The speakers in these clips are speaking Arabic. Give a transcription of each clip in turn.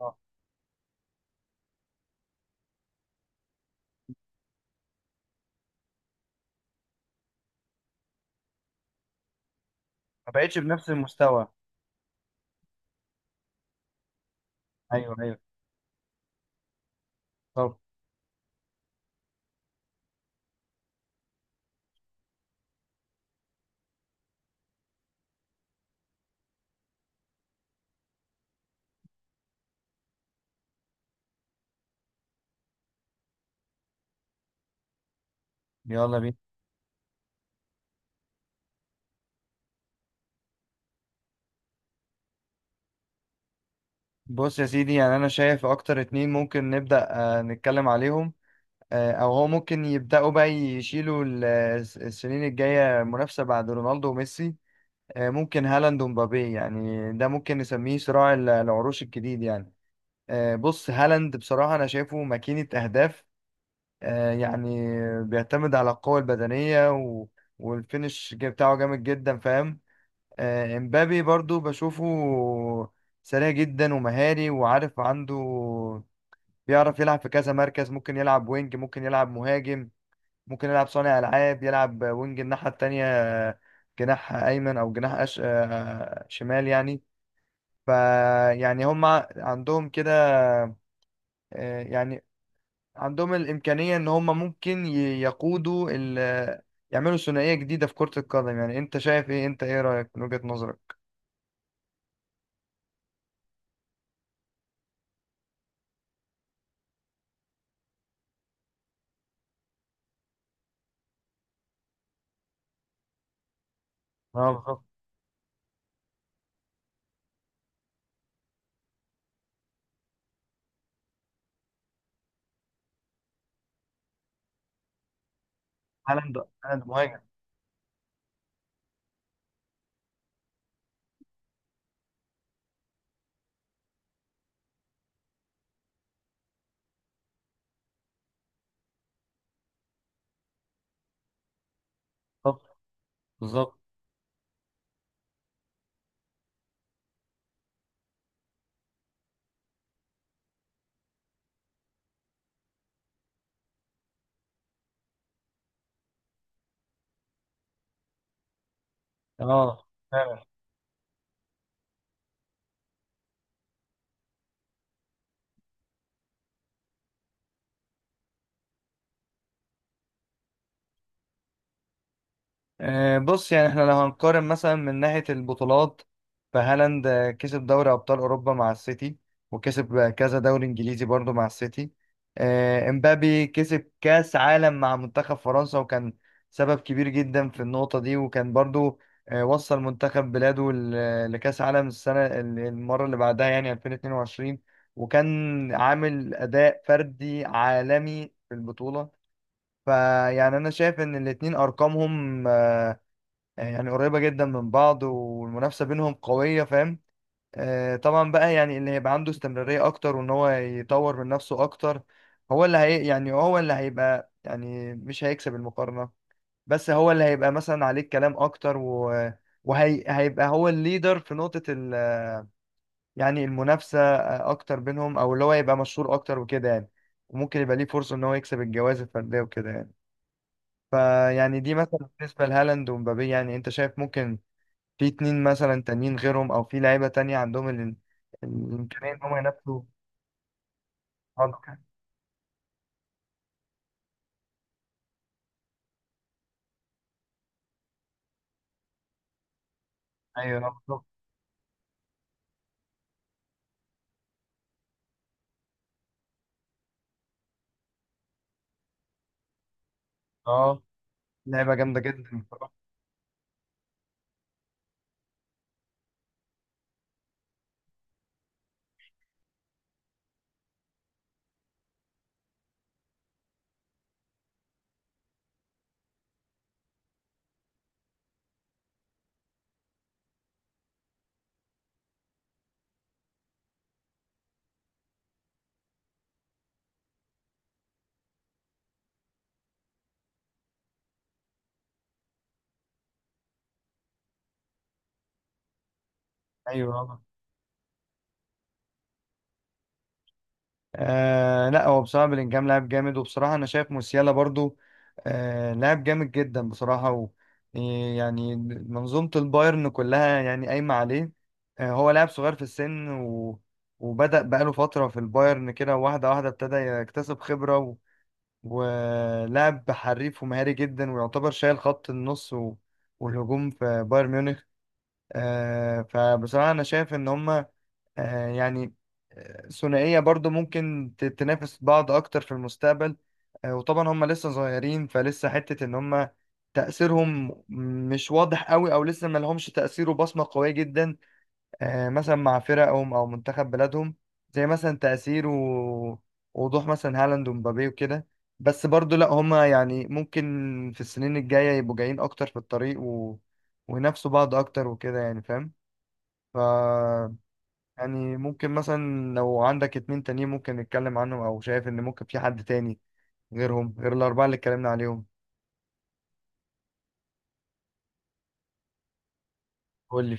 اه، ما بقتش بنفس المستوى. ايوه ايوه. طب يلا بينا. بص يا سيدي، يعني انا شايف اكتر اتنين ممكن نبدأ نتكلم عليهم. او هو ممكن يبدأوا بقى يشيلوا السنين الجاية منافسة بعد رونالدو وميسي. ممكن هالاند ومبابي، يعني ده ممكن نسميه صراع العروش الجديد يعني. بص، هالاند بصراحة انا شايفه ماكينة اهداف. يعني بيعتمد على القوة البدنية و... والفينش بتاعه جامد جدا، فاهم؟ امبابي برضو بشوفه سريع جدا ومهاري، وعارف عنده بيعرف يلعب في كذا مركز، ممكن يلعب وينج، ممكن يلعب مهاجم، ممكن يلعب صانع ألعاب، يلعب وينج الناحية التانية، جناح أيمن أو جناح أش... آه، شمال يعني. ف يعني هم عندهم كده، يعني عندهم الإمكانية إن هم ممكن يقودوا ال... يعملوا ثنائية جديدة في كرة القدم. يعني أنت شايف إيه؟ أنت إيه رأيك من وجهة نظرك؟ اه بالظبط. هالاند، هالاند مهاجم. بالظبط بالظبط. اه فعلا. بص، يعني احنا لو هنقارن مثلا من ناحية البطولات، فهالاند كسب دوري أبطال أوروبا مع السيتي، وكسب كذا دوري إنجليزي برضه مع السيتي. امبابي كسب كأس عالم مع منتخب فرنسا، وكان سبب كبير جدا في النقطة دي، وكان برضه وصل منتخب بلاده لكأس عالم السنة المرة اللي بعدها، يعني 2022، وكان عامل أداء فردي عالمي في البطولة. فيعني انا شايف ان الاتنين ارقامهم يعني قريبة جدا من بعض، والمنافسة بينهم قوية، فاهم؟ طبعا بقى يعني اللي هيبقى عنده استمرارية اكتر، وان هو يطور من نفسه اكتر، هو اللي هي يعني هو اللي هيبقى يعني مش هيكسب المقارنة، بس هو اللي هيبقى مثلا عليه الكلام اكتر، و وهيبقى هو الليدر في نقطة ال يعني المنافسة اكتر بينهم، او اللي هو يبقى مشهور اكتر وكده يعني. وممكن يبقى ليه فرصة ان هو يكسب الجوائز الفردية وكده يعني. فيعني دي مثلا بالنسبة لهالاند ومبابي، يعني انت شايف ممكن في اتنين مثلا تانيين غيرهم، او في لعيبة تانية عندهم الامكانية ان هم ينافسوا هالاند؟ ايوه اه بالظبط. اه لعيبة جامدة جدا بصراحة. ايوه آه. آه لا، هو بصراحة بلينجهام لاعب جامد، وبصراحة أنا شايف موسيالا برضو آه لاعب جامد جدا بصراحة، و آه، يعني منظومة البايرن كلها يعني قايمة عليه. آه هو لاعب صغير في السن، و وبدأ بقاله فترة في البايرن كده، واحدة واحدة ابتدى يكتسب خبرة و... ولاعب حريف ومهاري جدا، ويعتبر شايل خط النص و... والهجوم في بايرن ميونخ. آه فبصراحة أنا شايف إن هما آه، يعني ثنائية برضو ممكن تنافس بعض أكتر في المستقبل. وطبعا هم لسه صغيرين، فلسه حتة إن هم تأثيرهم مش واضح قوي، أو لسه ما لهمش تأثير وبصمة قوية جدا مثلا مع فرقهم أو منتخب بلادهم، زي مثلا تأثير ووضوح مثلا هالاند ومبابي وكده. بس برضو لا هم يعني ممكن في السنين الجاية يبقوا جايين أكتر في الطريق و... وينافسوا بعض أكتر وكده يعني، فاهم؟ ف يعني ممكن مثلا لو عندك اتنين تانيين ممكن نتكلم عنهم، او شايف ان ممكن في حد تاني غيرهم غير الاربعه اللي اتكلمنا عليهم؟ قول لي.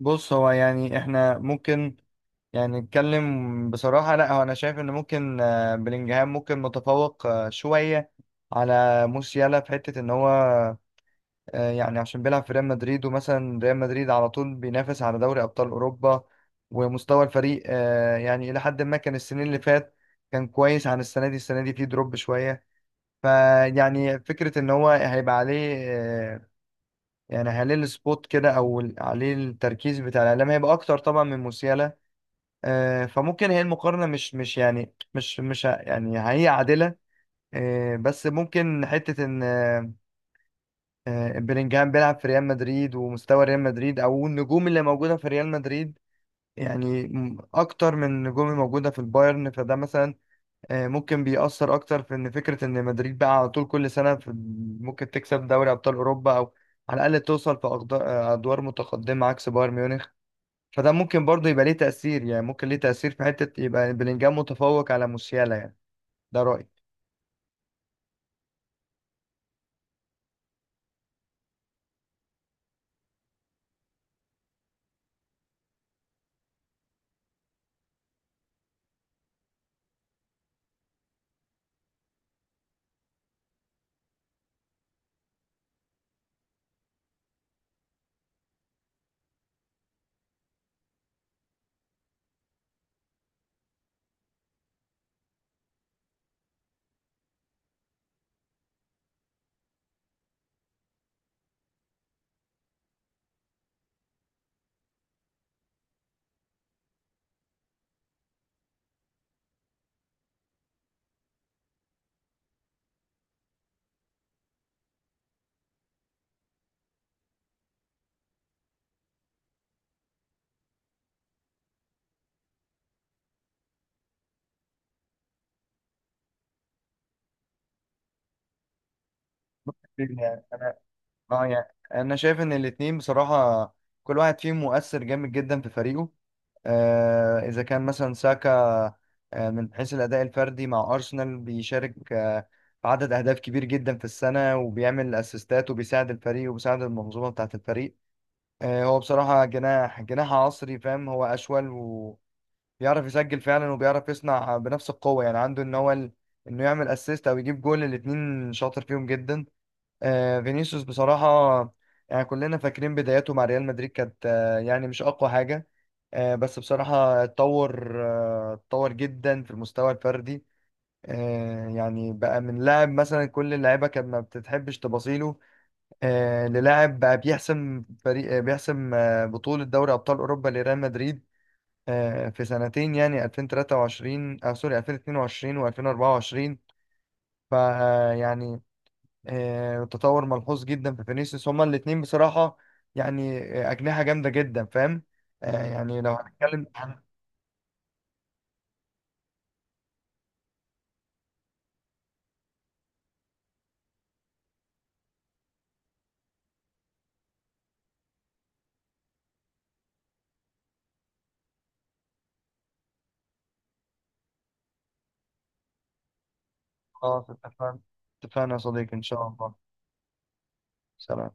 بص هو يعني احنا ممكن يعني نتكلم بصراحه. لا هو انا شايف ان ممكن بلينجهام ممكن متفوق شويه على موسيالا، في حته ان هو يعني عشان بيلعب في ريال مدريد، ومثلا ريال مدريد على طول بينافس على دوري ابطال اوروبا، ومستوى الفريق يعني الى حد ما كان السنين اللي فات كان كويس عن السنه دي. السنه دي فيه دروب شويه. فيعني فكرة إن هو هيبقى عليه يعني عليه السبوت كده، أو عليه التركيز بتاع الإعلام هيبقى أكتر طبعا من موسيالا. فممكن هي المقارنة مش يعني مش مش ه- يعني هي عادلة. بس ممكن حتة إن بلينجهام بيلعب في ريال مدريد، ومستوى ريال مدريد أو النجوم اللي موجودة في ريال مدريد يعني أكتر من النجوم الموجودة في البايرن. فده مثلا ممكن بيأثر أكتر، في إن فكرة إن مدريد بقى على طول كل سنة في ممكن تكسب دوري أبطال أوروبا، أو على الأقل توصل في أدوار متقدمة عكس بايرن ميونخ. فده ممكن برضه يبقى ليه تأثير، يعني ممكن ليه تأثير في حتة يبقى بلينجهام متفوق على موسيالا يعني. ده رأيي. يعني أنا آه يعني أنا شايف إن الاتنين بصراحة كل واحد فيهم مؤثر جامد جدا في فريقه. إذا كان مثلا ساكا من حيث الأداء الفردي مع أرسنال، بيشارك في عدد أهداف كبير جدا في السنة، وبيعمل أسيستات، وبيساعد الفريق وبيساعد المنظومة بتاعة الفريق. هو بصراحة جناح، جناح عصري، فاهم؟ هو أشول وبيعرف يسجل فعلا، وبيعرف يصنع بنفس القوة، يعني عنده إن هو ال... إنه يعمل أسيست أو يجيب جول، الاتنين شاطر فيهم جدا. فينيسيوس بصراحة يعني كلنا فاكرين بداياته مع ريال مدريد كانت يعني مش أقوى حاجة. بس بصراحة اتطور، اتطور جدا في المستوى الفردي. يعني بقى من لاعب مثلا كل اللعيبة كانت ما بتحبش تباصيله، للاعب بقى بيحسم فريق، بيحسم بطولة دوري أبطال أوروبا لريال مدريد في سنتين، يعني 2023 أو سوري 2022 و2024. فيعني تطور ملحوظ جدا في فينيسيوس. هما الاتنين بصراحة يعني أجنحة جامدة جدا، فاهم؟ يعني لو هنتكلم. خلاص اتفقنا. اتفقنا يا صديقي إن شاء الله. سلام.